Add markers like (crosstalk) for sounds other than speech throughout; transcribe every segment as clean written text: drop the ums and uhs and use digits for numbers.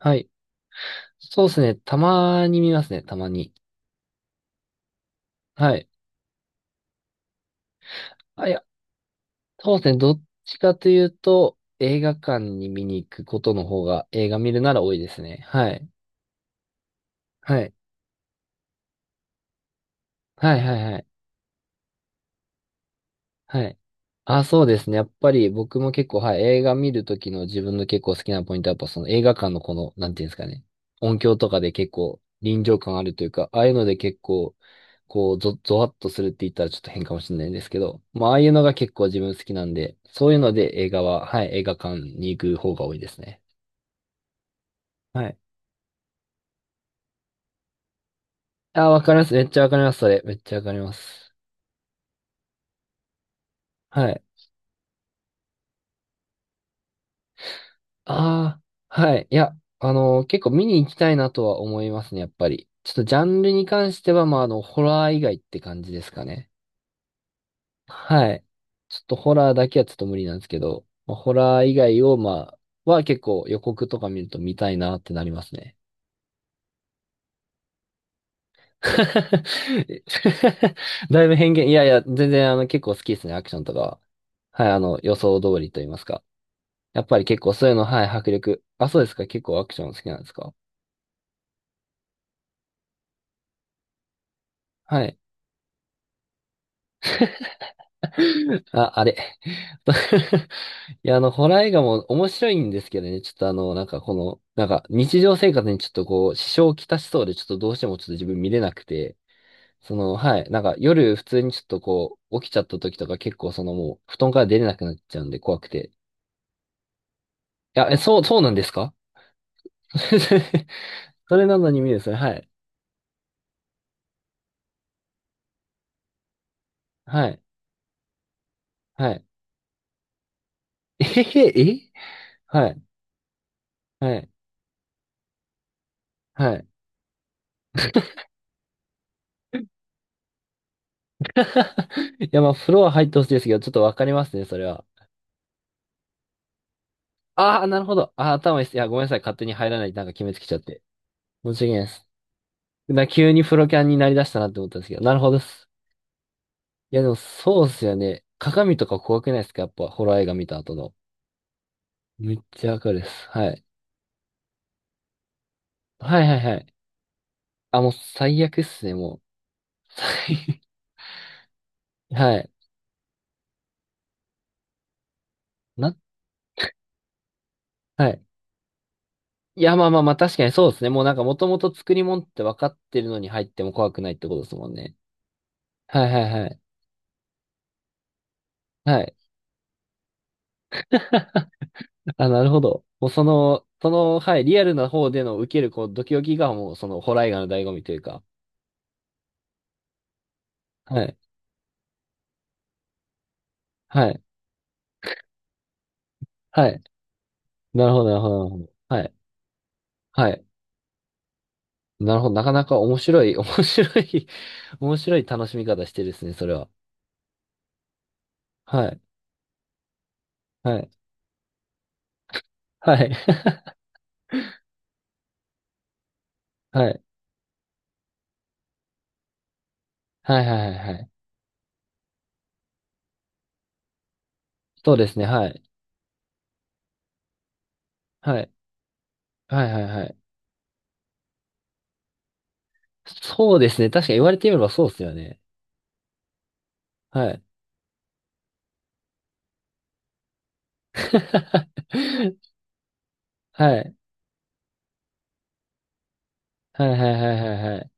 はい。そうですね。たまに見ますね。たまに。はい。あ、いや、そうですね。どっちかというと、映画館に見に行くことの方が映画見るなら多いですね。はい。はい。はい、はい、はい。はい。あ、そうですね。やっぱり僕も結構、はい、映画見るときの自分の結構好きなポイントは、やっぱその映画館のこの、なんていうんですかね。音響とかで結構臨場感あるというか、ああいうので結構、こう、ゾワッとするって言ったらちょっと変かもしれないんですけど、まあ、ああいうのが結構自分好きなんで、そういうので映画は、はい、映画館に行く方が多いですね。はい。あ、わかります。めっちゃわかります、それ。めっちゃわかります。はい。ああ、はい。いや、結構見に行きたいなとは思いますね、やっぱり。ちょっとジャンルに関しては、まあ、ホラー以外って感じですかね。はい。ちょっとホラーだけはちょっと無理なんですけど、まあ、ホラー以外を、まあ、は結構予告とか見ると見たいなってなりますね。(laughs) だいぶ偏見。いやいや、全然結構好きですね、アクションとかは。はい、予想通りと言いますか。やっぱり結構そういうの、はい、迫力。あ、そうですか、結構アクション好きなんですか？はい。あ、あれ。(laughs) いや、ホラー映画も面白いんですけどね、ちょっとなんかこの、なんか日常生活にちょっとこう、支障をきたしそうで、ちょっとどうしてもちょっと自分見れなくて、はい、なんか夜普通にちょっとこう、起きちゃった時とか結構もう、布団から出れなくなっちゃうんで怖くて。いや、え、そうなんですか？ (laughs) それなのに見るんですね、はい。はい。はい。えへへ、はい。はい。はい。(laughs) いや、まあ、フロア入ってほしいですけど、ちょっとわかりますね、それは。ああ、なるほど。ああ、頭いいっす。いや、ごめんなさい。勝手に入らない。なんか決めつけちゃって。申し訳ないです。急にプロキャンになりだしたなって思ったんですけど。なるほどっす。いや、でもそうっすよね。鏡とか怖くないですか？やっぱ、ホラー映画見た後の。めっちゃわかるっす。はい。はいはいはい。あ、もう最悪っすね、もう。最 (laughs) はい。な、はい。いや、まあまあまあ、確かにそうですね。もうなんか、もともと作り物って分かってるのに入っても怖くないってことですもんね。はいはいはい。はい。あ、なるほど。もうその、はい、リアルな方での受ける、こう、ドキドキがもう、ホラー映画の醍醐味というか。はい、はい、はい。なるほど、なるほど、なるほど。はい、はい。なるほど。なかなか面白い、(laughs) 面白い、(laughs) 面白い楽しみ方してるですね、それは。はい、はい、はい。(laughs) はい、はい、はい、はいはい。そうですね、はい、はい、はい、はい、はい。そうですね、確かに言われてみればそうですよね。はい。(laughs) はい、はい、はい、はい、はい。はい。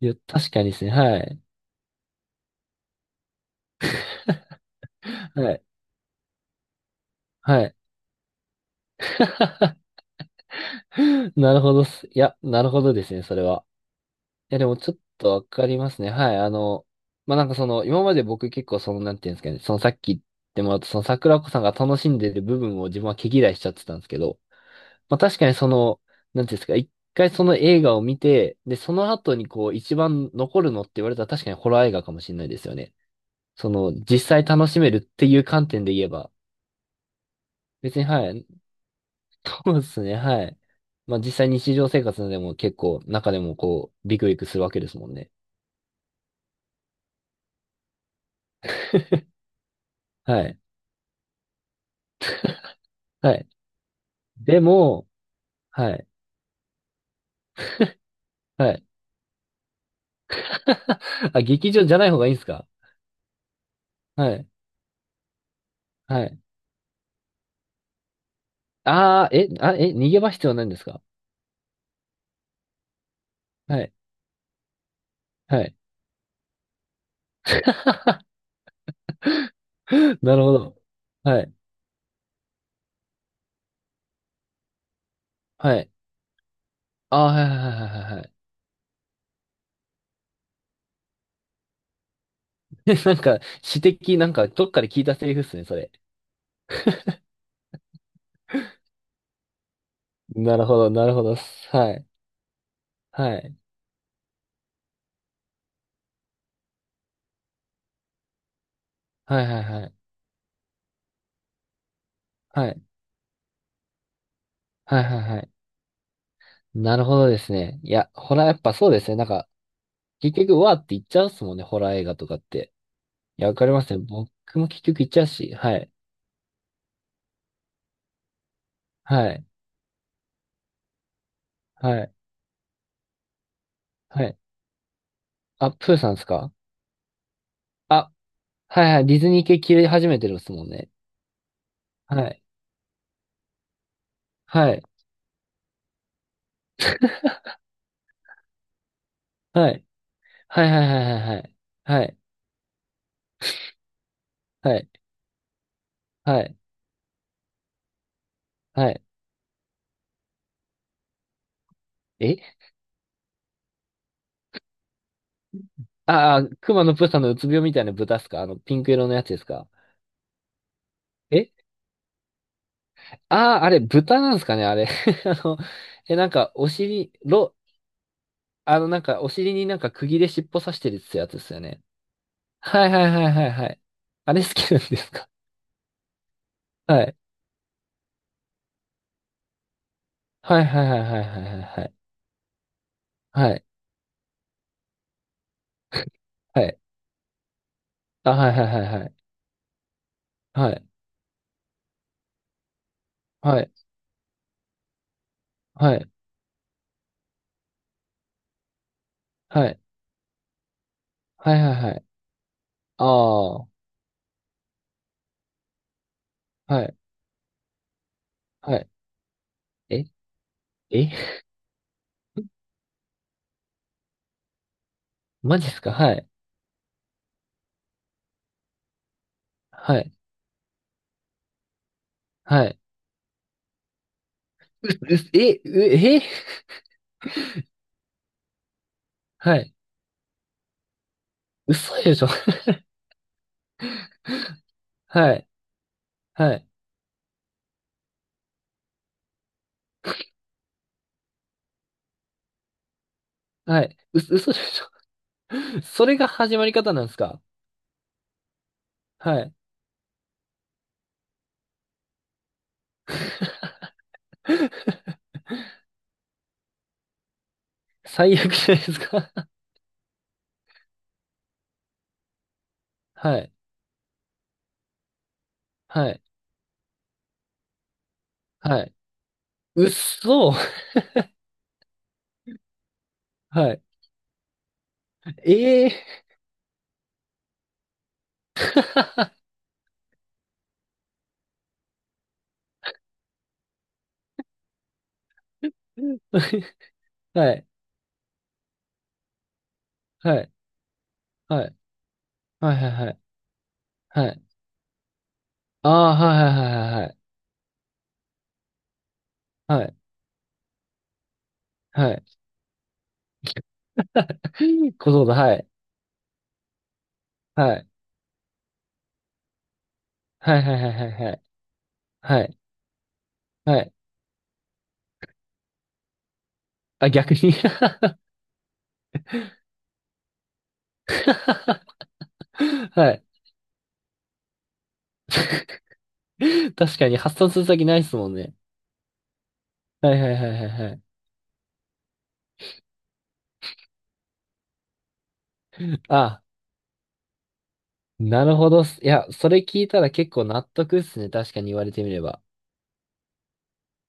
いや、確かにですね、はい。はいはい。(laughs) なるほどっす。いや、なるほどですね、それは。いや、でもちょっとわかりますね。はい。まあ、今まで僕結構なんていうんですかね、さっき言ってもらったその桜子さんが楽しんでる部分を自分は毛嫌いしちゃってたんですけど、まあ、確かになんていうんですか、一回その映画を見て、で、その後にこう、一番残るのって言われたら確かにホラー映画かもしれないですよね。実際楽しめるっていう観点で言えば、別にはい。そうですね、はい。まあ実際日常生活でも結構中でもこうビクビクするわけですもんね。はい。はい。でも、はい。はい。(laughs) あ、劇場じゃない方がいいんですか？はい。はい。ああ、え、あ、え、逃げ場必要ないんですか？はい。はい。(laughs) なるほど。はい。はい。ああ、はいはいはいはいはい。(laughs) なんか、詩的、なんか、どっかで聞いたセリフっすね、それ。なるほど、なるほど。はい。はい。はいはいはい。はい。はいはいはい。なるほどですね。いや、ホラーやっぱそうですね。なんか、結局、うわーって言っちゃうっすもんね、ホラー映画とかって。いや、わかりますね。僕も結局言っちゃうし、はい。はい。はい。はい。あ、プーさんですか？あ、はいはい。ディズニー系切り始めてるっすもんね。はい。はい。はい。はいはいはいはいはい。はい。はい。はい。えああ、熊のプーさんのうつ病みたいな豚っすか？あの、ピンク色のやつですか？えああー、あれ、豚なんですかね、あれ。(laughs) あの、え、なんか、お尻、ロ、あの、なんか、お尻になんか釘で尻尾刺してるってやつですよね。はいはいはいはいはい。あれ好きなんですか？はい。はいはいはいはいはいはい。はい。はい。あ、はいはいはいはい。はい。はい。はい。はい。はいはいはい。ああ。はい。はい。ええ。 (laughs) マジですか？はい。はい。はい。う、う、え、う、えはい。嘘でしょ。 (laughs) はい。はい。はい。嘘でしょ。 (laughs) それが始まり方なんですか？はい。(laughs) 最悪じゃないですか？ (laughs) はい。はい。はい。うっそ。はい。ええー。 (laughs) はい。はい。はい。はい。はい。はい。はい。ああ、はい。はい。はい。はい。はい。はい。 (laughs) 小僧だ、はい。はい。はいはいはいはいはい。はい。はい。あ、逆に。 (laughs) はい。確かに発散する先ないっすもんね。はいはいはいはいはい。あ、なるほどっす。いや、それ聞いたら結構納得っすね。確かに言われてみれば。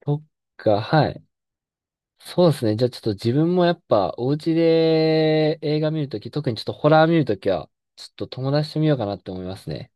そっか、はい。そうですね。じゃあちょっと自分もやっぱお家で映画見るとき、特にちょっとホラー見るときは、ちょっと友達と見ようかなって思いますね。